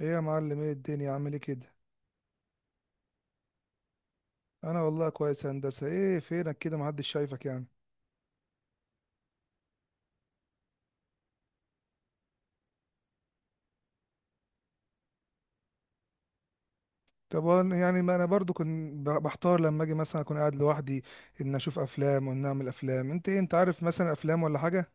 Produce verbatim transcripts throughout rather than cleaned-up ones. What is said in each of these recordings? ايه يا معلم، ايه الدنيا، عامل ايه كده؟ انا والله كويس يا هندسه. ايه فينك كده؟ محدش شايفك يعني. طب وأنا- يعني ما انا برضو كنت ب- بحتار لما اجي مثلا اكون قاعد لوحدي، ان اشوف افلام وان اعمل افلام. انت ايه؟ انت عارف مثلا افلام ولا حاجه؟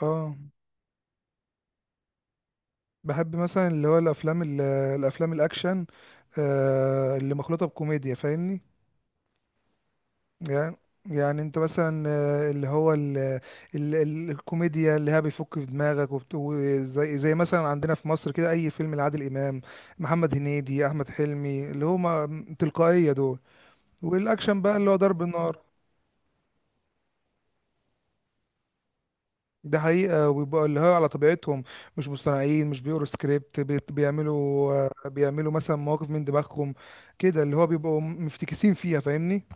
اه، بحب مثلا اللي هو الافلام ال- الافلام الاكشن، آه اللي مخلوطه بكوميديا، فاهمني؟ يعني يعني انت مثلا، آه، اللي هو ال ال ال الكوميديا اللي هي بيفك في دماغك، وبت- وزي زي مثلا عندنا في مصر، كده اي فيلم لعادل امام، محمد هنيدي، احمد حلمي، اللي هما تلقائية دول. والاكشن بقى اللي هو ضرب النار. ده حقيقة، ويبقى اللي هو على طبيعتهم، مش مصطنعين، مش بيقروا سكريبت، بيت- بيعملوا آه، بيعملوا مثلا مواقف من دماغهم، كده اللي هو بيبقوا مفتكسين فيها، فاهمني؟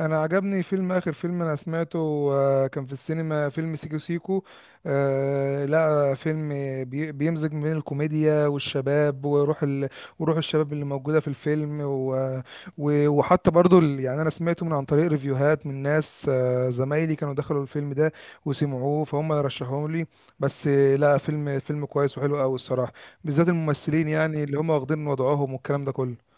انا عجبني فيلم، اخر فيلم انا سمعته، آه، كان في السينما فيلم سيكو سيكو. آه، لا فيلم بي- بيمزج ما بين الكوميديا والشباب وروح ال... وروح الشباب اللي موجودة في الفيلم، و... و... وحتى برضو ال... يعني انا سمعته من عن طريق ريفيوهات من ناس، آه، زمايلي كانوا دخلوا الفيلم ده، وسمعوه فهم رشحوه لي. بس آه، لا، فيلم فيلم كويس وحلو قوي الصراحة، بالذات الممثلين يعني اللي هم واخدين وضعهم والكلام ده كله.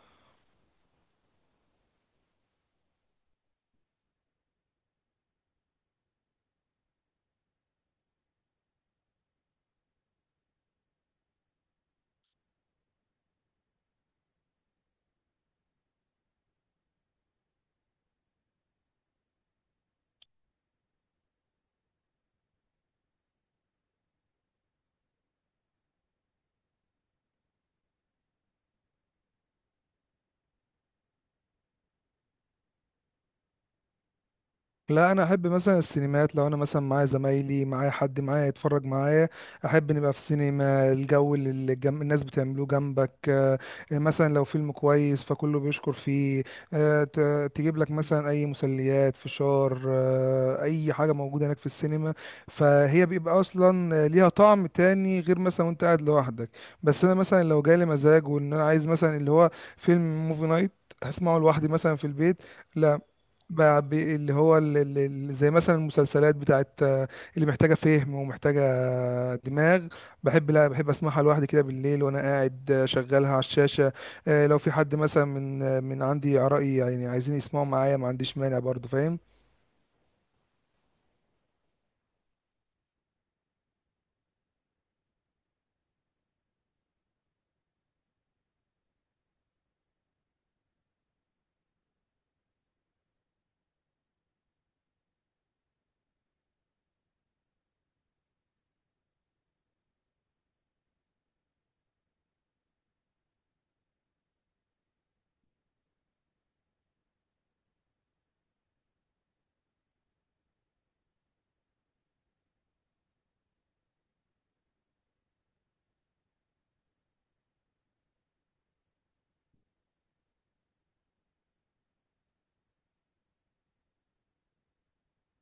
لا، انا احب مثلا السينمات لو انا مثلا معايا زمايلي، معايا حد معايا يتفرج معايا. احب نبقى في سينما، الجو اللي الجم... الناس بتعملوه جنبك، آه، مثلا لو فيلم كويس فكله بيشكر فيه. آه، ت... تجيب لك مثلا اي مسليات، فشار، آه، اي حاجة موجودة هناك في السينما، فهي بيبقى اصلا ليها طعم تاني غير مثلا وانت قاعد لوحدك. بس انا مثلا لو جالي مزاج وان انا عايز مثلا اللي هو فيلم موفي نايت، هسمعه لوحدي مثلا في البيت. لا، بقى ب- اللي هو ال- ال- ال- زي مثلا المسلسلات بتاعت، آه، اللي محتاجة فهم ومحتاجة آه، دماغ. بحب لا، بحب اسمعها لوحدي كده بالليل وانا قاعد، آه، شغلها على الشاشة. آه، لو في حد مثلا من آه، من عندي قرايبي يعني عايزين يسمعوا معايا، ما عنديش مانع برضو، فاهم؟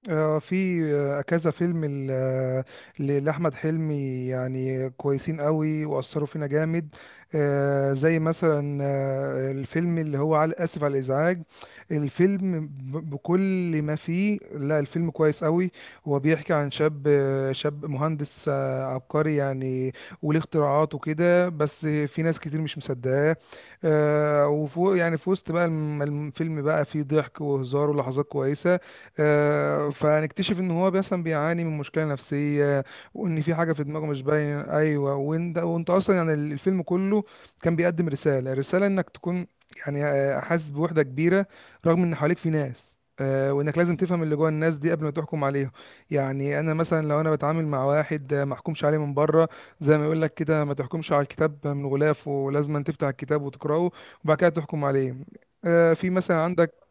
آه، في آه، كذا فيلم ل- آه، ل- لأحمد حلمي يعني كويسين قوي وأثروا فينا جامد. آه، زي مثلا آه، الفيلم اللي هو على آسف على الإزعاج. الفيلم ب- بكل ما فيه، لا الفيلم كويس قوي. هو بيحكي عن شاب آه، شاب مهندس، آه، عبقري يعني، وليه اختراعات وكده، بس في ناس كتير مش مصدقاه. آه، وفوق يعني في وسط بقى الم- الفيلم بقى فيه ضحك وهزار ولحظات كويسة. آه، فهنكتشف ان هو مثلا بيعاني من مشكله نفسيه، وان في حاجه في دماغه مش باينه، ايوه، وانت وانت اصلا يعني الفيلم كله كان بيقدم رساله رساله انك تكون يعني آه، حاسس بوحده كبيره، رغم ان حواليك في ناس، آه، وانك لازم تفهم اللي جوه الناس دي قبل ما تحكم عليهم. يعني انا مثلا لو انا بتعامل مع واحد، آه، ما احكمش عليه من بره، زي ما يقول لك كده: ما تحكمش على الكتاب من غلافه، لازم تفتح الكتاب وتقراه، وبعد كده تحكم عليه. آه، في مثلا عندك،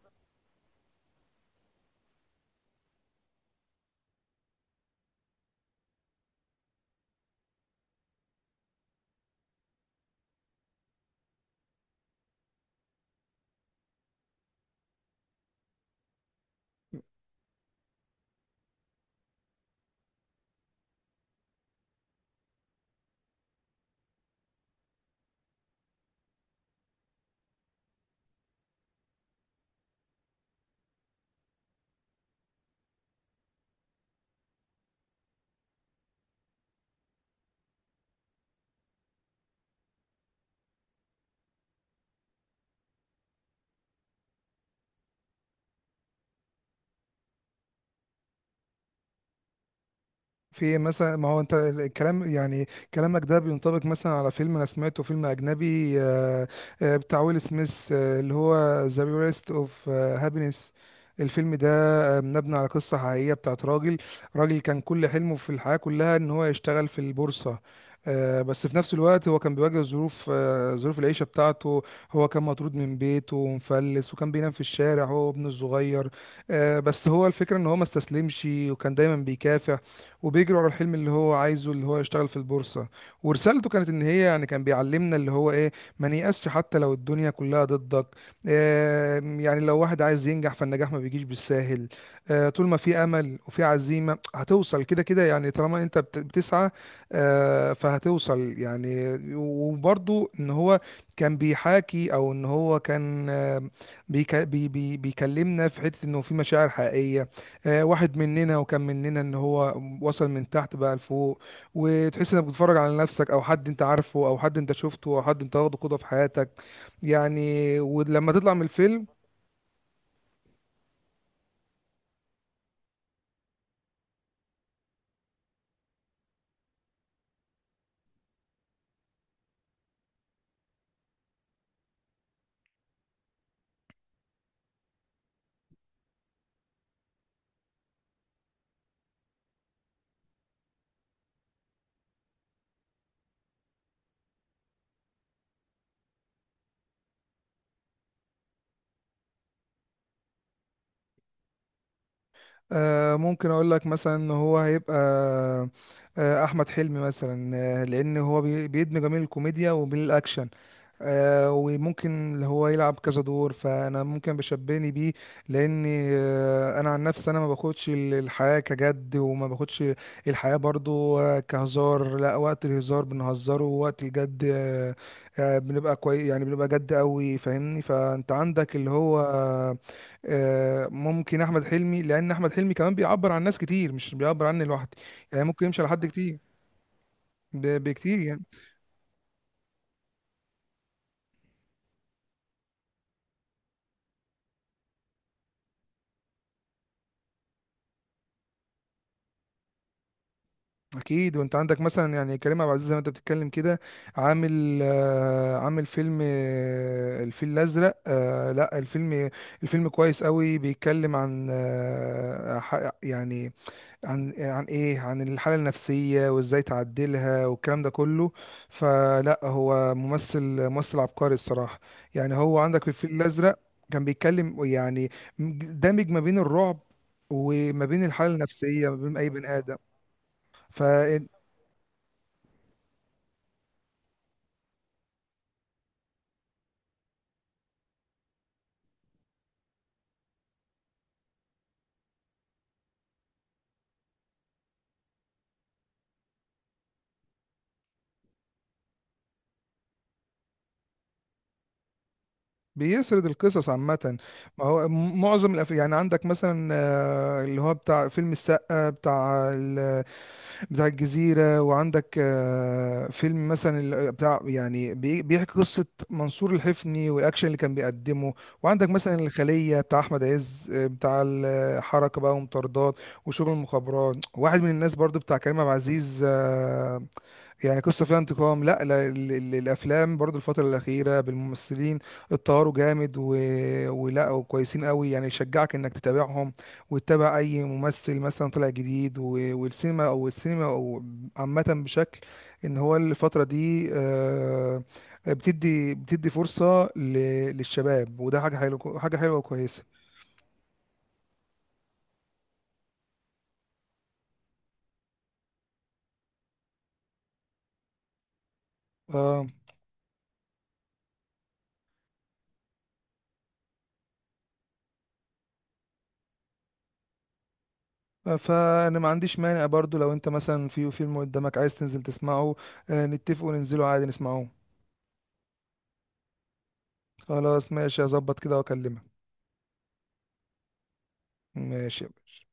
في إيه مثلا؟ ما هو انت الكلام يعني، كلامك ده بينطبق مثلا على فيلم انا سمعته، فيلم اجنبي، آه، آه، بتاع ويل سميث، آه، اللي هو ذا بيرست اوف هابينس. الفيلم ده آه، مبني على قصة حقيقية بتاعت راجل، راجل كان كل حلمه في الحياة كلها ان هو يشتغل في البورصة. آه، بس في نفس الوقت هو كان بيواجه ظروف آه، ظروف العيشة بتاعته. هو كان مطرود من بيته ومفلس، وكان بينام في الشارع هو وابنه الصغير. آه، بس هو الفكرة ان هو ما استسلمش، وكان دايما بيكافح وبيجري ورا الحلم اللي هو عايزه، اللي هو يشتغل في البورصة. ورسالته كانت ان هي يعني كان بيعلمنا اللي هو ايه: ما نيأسش حتى لو الدنيا كلها ضدك. آه يعني لو واحد عايز ينجح، فالنجاح ما بيجيش بالساهل. آه طول ما في امل وفي عزيمة هتوصل كده كده، يعني طالما انت بت- بتسعى آه فهتوصل يعني. وبرضو ان هو كان بيحاكي، او ان هو كان، آه بيك بي بي بيكلمنا في حتة انه في مشاعر حقيقية، آه، واحد مننا، وكان مننا، ان هو وصل من تحت بقى لفوق، وتحس انك بتتفرج على نفسك او حد انت عارفه او حد انت شفته او حد انت واخده قدوة في حياتك، يعني ولما تطلع من الفيلم. آه، ممكن اقول لك مثلا ان هو هيبقى آه، احمد حلمي مثلا، آه، لان هو بي- بيدمج ما بين الكوميديا وبين الاكشن. آه، وممكن اللي هو يلعب كذا دور، فانا ممكن بشبهني بيه، لان آه، انا عن نفسي انا ما باخدش ال- الحياه كجد، وما باخدش الحياه برضو آه، كهزار. لا، وقت الهزار بنهزره، ووقت الجد آه، آه، بنبقى كويس، يعني بنبقى جد قوي، فاهمني؟ فانت عندك اللي هو آه، ممكن احمد حلمي، لان احمد حلمي كمان بيعبر عن ناس كتير، مش بيعبر عني لوحدي. يعني ممكن يمشي على حد كتير، ب- بكتير يعني. اكيد، وانت عندك مثلا يعني كريم عبد العزيز، زي ما انت بتتكلم كده، عامل آه، عامل فيلم، آه، الفيل الازرق، آه، لا الفيلم، الفيلم كويس قوي، بيتكلم عن آه، ح- يعني عن عن ايه، عن الحالة النفسية وازاي تعدلها والكلام ده كله. فلا، هو ممثل ممثل عبقري الصراحة. يعني هو عندك في الفيل الأزرق كان بيتكلم يعني، دامج ما بين الرعب وما بين الحالة النفسية، ما بين أي بني آدم. ف بيسرد القصص عامة. ما هو م- معظم الأف... يعني عندك مثلا، آه، اللي هو بتاع فيلم السقا، بتاع بتاع الجزيرة، وعندك آه، فيلم مثلا ال- آه، بتاع يعني بي- بيحكي قصة منصور الحفني، والأكشن اللي كان بيقدمه، وعندك مثلا الخلية بتاع أحمد عز، آه، بتاع الحركة بقى ومطاردات وشغل المخابرات، واحد من الناس برضو بتاع كريم عبد العزيز، آه، يعني قصة فيها انتقام. لا، لا، ال- ال- الأفلام برضو الفترة الأخيرة بالممثلين اتطوروا جامد، و... ولا وكويسين قوي، يعني يشجعك إنك تتابعهم، وتتابع اي ممثل مثلا طلع جديد، و- والسينما او السينما او عامه بشكل، ان هو الفتره دي آه، بتدي بتدي فرصه ل- للشباب، وده حاجه حلوه، حاجه حلوه وكويسه. اه، فانا ما عنديش مانع برضو، لو انت مثلا في فيلم قدامك عايز تنزل تسمعه، آه، نتفق وننزله عادي نسمعه. خلاص، ماشي، هظبط كده واكلمك. ماشي يا باشا.